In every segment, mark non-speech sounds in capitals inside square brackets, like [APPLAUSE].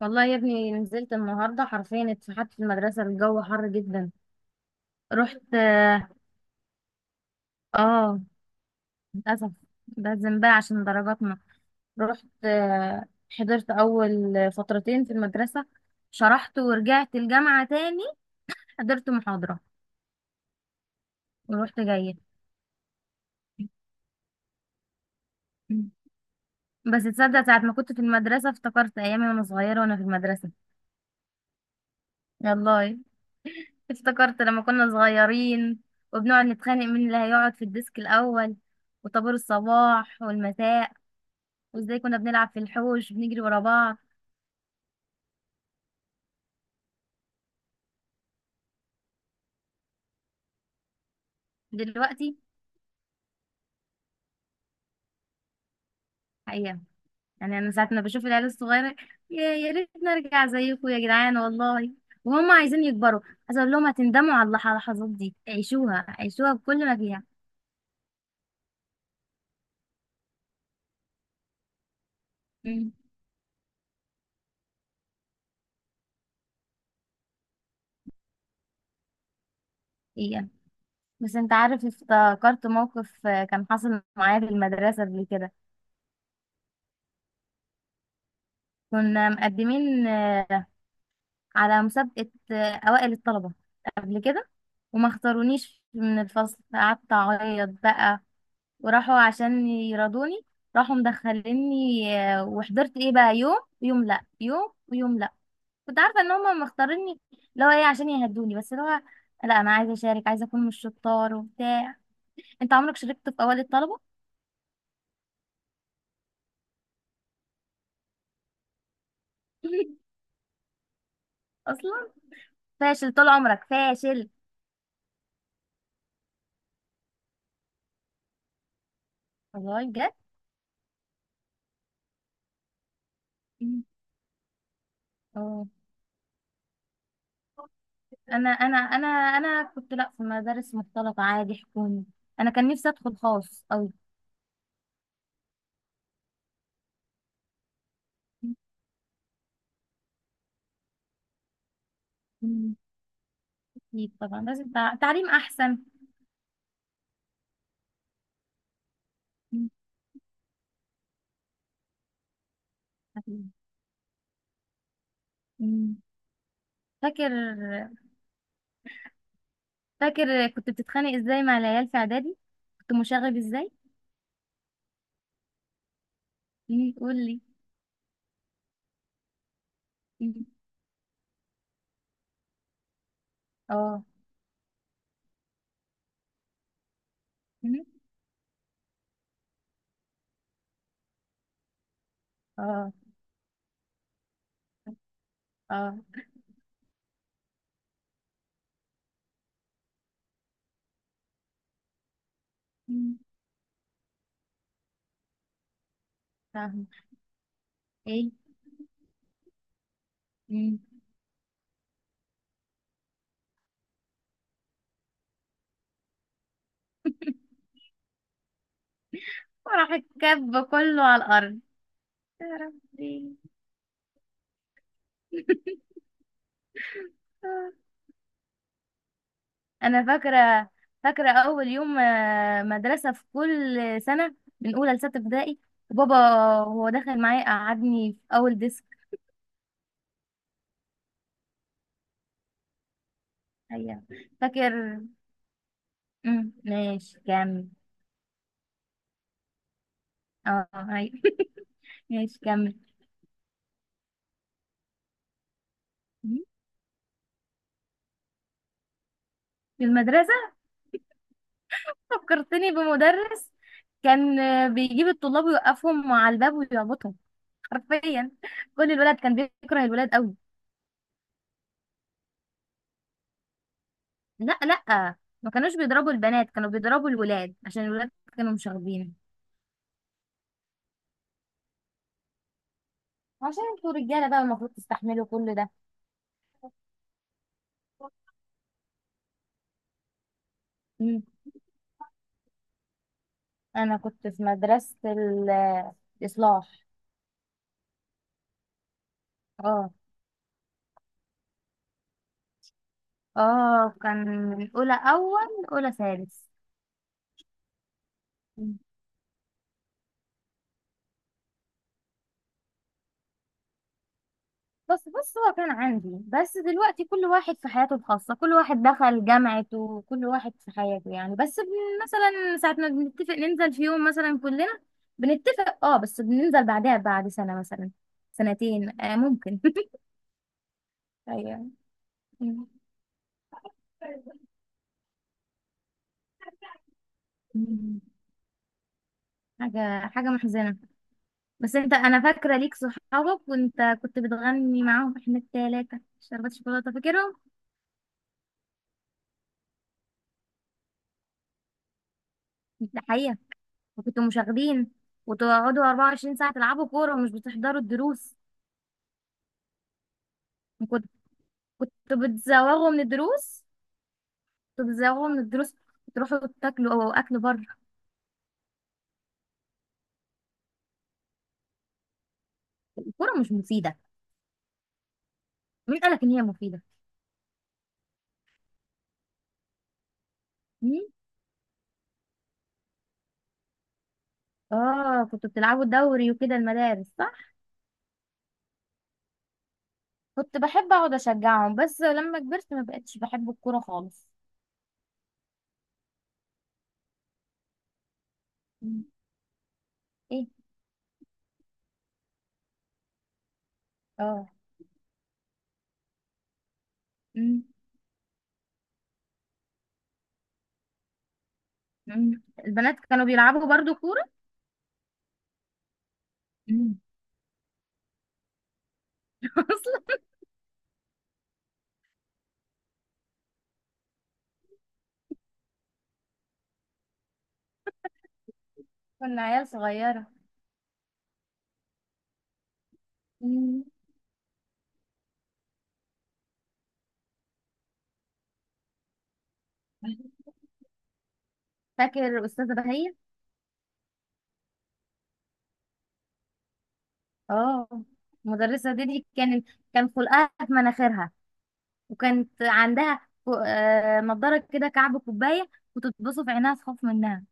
والله يا ابني، نزلت النهارده حرفيا اتفحت في المدرسه، الجو حر جدا. رحت، اه، آه، للاسف. لازم بقى عشان درجاتنا. رحت، آه. حضرت اول فترتين في المدرسه، شرحت ورجعت الجامعه تاني، حضرت محاضره ورحت جايه. بس تصدق، ساعه ما كنت في المدرسه افتكرت ايامي وانا صغيره وانا في المدرسه. والله، افتكرت لما كنا صغيرين، وبنقعد نتخانق مين اللي هيقعد في الديسك الاول، وطابور الصباح والمساء، وازاي كنا بنلعب في الحوش بنجري ورا بعض. دلوقتي، حقيقة، يعني انا ساعة ما بشوف العيال الصغيرة، يا ريت نرجع زيكم يا جدعان والله. وهم عايزين يكبروا. عايز اقول لهم هتندموا على اللحظات دي، عيشوها عيشوها بكل ما فيها. امم. حقيقة. بس انت عارف، افتكرت موقف كان حصل معايا في المدرسة قبل كده. كنا مقدمين على مسابقة اوائل الطلبة قبل كده، وما اختارونيش من الفصل، قعدت اعيط بقى. وراحوا عشان يرضوني، راحوا مدخليني وحضرت ايه بقى، يوم يوم لا، يوم ويوم لا. كنت عارفه ان هم مختاريني، اللي هو ايه، عشان يهدوني، بس اللي هو لا، انا عايزه اشارك، عايزه اكون من الشطار وبتاع. انت عمرك شاركت في اوائل الطلبه؟ [LAUGHS] اصلا فاشل طول عمرك فاشل. والله بجد. مم. اه، انا كنت لا في مدارس مختلطه، عادي، حكومي. انا كان نفسي ادخل خاص قوي. مم. اكيد طبعا، لازم تعليم احسن. مم. مم. فاكر. فاكر كنت بتتخانق ازاي مع العيال في اعدادي؟ كنت مشاغب ازاي؟ مم. قول لي. مم. اه. مم. اه، اه. مم. فاهم. ايه. مم. وراح الكب كله على الارض. يا ربي. [LAUGHS] انا فاكره. فاكره اول يوم مدرسه في كل سنه، من اولى لسته ابتدائي. وبابا وهو داخل معايا قعدني في اول ديسك. ايوه. فاكر. مم. ماشي، كمل. اه، ايوه. [LAUGHS] ماشي كمل. في المدرسة. فكرتني بمدرس كان بيجيب الطلاب ويوقفهم على الباب ويعبطهم، حرفيا. كل الولد كان بيكره الولاد قوي. لا، لا، ما كانوش بيضربوا البنات، كانوا بيضربوا الولاد، عشان الولاد كانوا مش واخدين. عشان انتوا رجالة بقى، المفروض تستحملوا كل ده. مم. انا كنت في مدرسة الإصلاح. اه. اه، كان. من أولى، أول أولى، ثالث. بس، بس هو كان عندي. بس دلوقتي كل واحد في حياته الخاصة، كل واحد دخل جامعته، وكل واحد في حياته، يعني. بس مثلا ساعة ما بنتفق ننزل في يوم مثلا كلنا، بنتفق، اه، بس بننزل بعدها بعد سنة مثلا، سنتين، آه، ممكن. [LAUGHS] ايوه. مم. حاجة حاجة محزنة. بس انت، انا فاكرة ليك صحابك وانت كنت بتغني معاهم، احنا التلاتة شربت شوكولاتة، فاكرهم؟ ده حقيقة. وكنتوا مشاغبين، وتقعدوا 24 ساعة تلعبوا كورة ومش بتحضروا الدروس. وكنت- كنتوا بتزوغوا من الدروس، كنتوا بتزوغوا من الدروس، تروحوا تاكلوا او اكل بره. الكورة مش مفيدة. مين قالك ان هي مفيدة؟ مم؟ اه، كنتوا بتلعبوا دوري وكده المدارس، صح. كنت بحب اقعد اشجعهم، بس لما كبرت ما بقتش بحب الكورة خالص. مم. ايه. اه. مم. مم. البنات كانوا بيلعبوا برضو كورة. مم. [LAUGHS] اصلا. كنا عيال صغيرة. مم. فاكر أستاذة بهية. اه. المدرسة دي كان خلقها في مناخيرها. وكانت عندها نضارة كده، كعب كوباية. كنت تبصوا في عينها تخاف منها.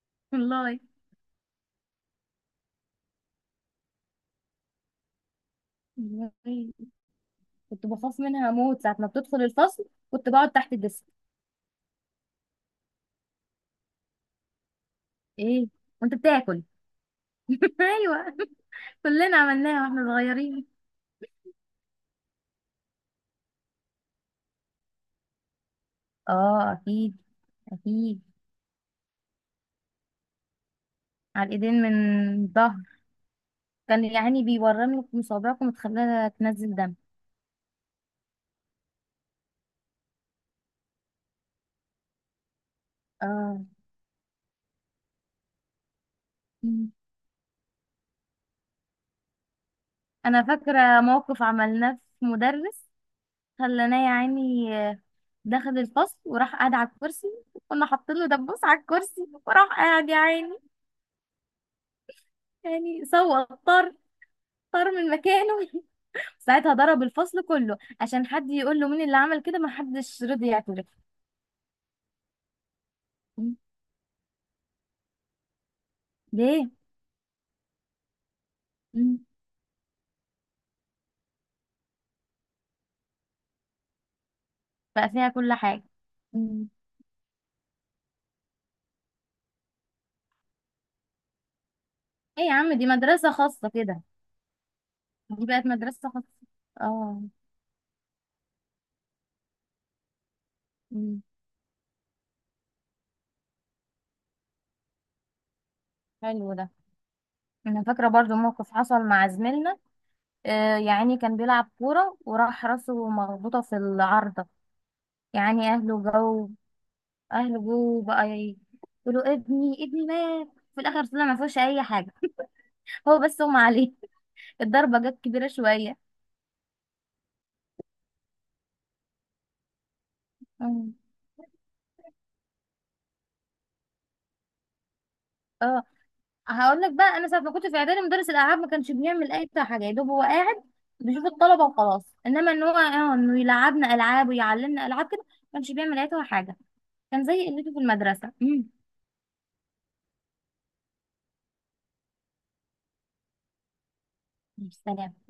[LAUGHS] والله. والله. كنت بخاف منها اموت ساعة ما بتدخل الفصل. كنت بقعد تحت الديسك. ايه، وانت بتاكل. [LAUGHS] ايوه، كلنا عملناها واحنا صغيرين. اه، اكيد. اكيد. على الايدين، من الظهر. كان يعني بيورم لك مصابعكم وتخليها تنزل دم. اه. انا فاكره موقف عملناه في مدرس، خلاناه يا عيني. دخل الفصل وراح قاعد على الكرسي، وكنا حاطين له دبوس على الكرسي، وراح قاعد يا عيني. يعني سوق طار، طار من مكانه. [LAUGHS] ساعتها ضرب الفصل كله عشان حد يقول له مين اللي عمل كده، ما حدش رضي يعترف. م. ليه. م. بقى فيها كل حاجة. م. ايه يا عم، دي مدرسة خاصة كده؟ دي بقت مدرسة خاصة. اه. م. حلو ده. انا فاكرة برضو موقف حصل مع زميلنا، يعني كان بيلعب كورة وراح راسه مخبوطة في العارضة. يعني أهله جو، أهله جو بقى يقولوا ابني، ابني مات. في الآخر طلع ما فيهوش أي حاجة، هو بس أغمى عليه. [LAUGHS] الضربة جت كبيرة شوية. مم. اه، هقول لك بقى، أنا ساعة ما كنت في إعدادي مدرس الألعاب ما كانش بيعمل أي بتاع حاجة، يا دوب هو قاعد بيشوف الطلبة وخلاص. إنما إن هو، إنه يلعبنا ألعاب ويعلمنا ألعاب كده، ما كانش بيعمل أي حاجة. كان زي قلته في المدرسة. مم. يا سلام.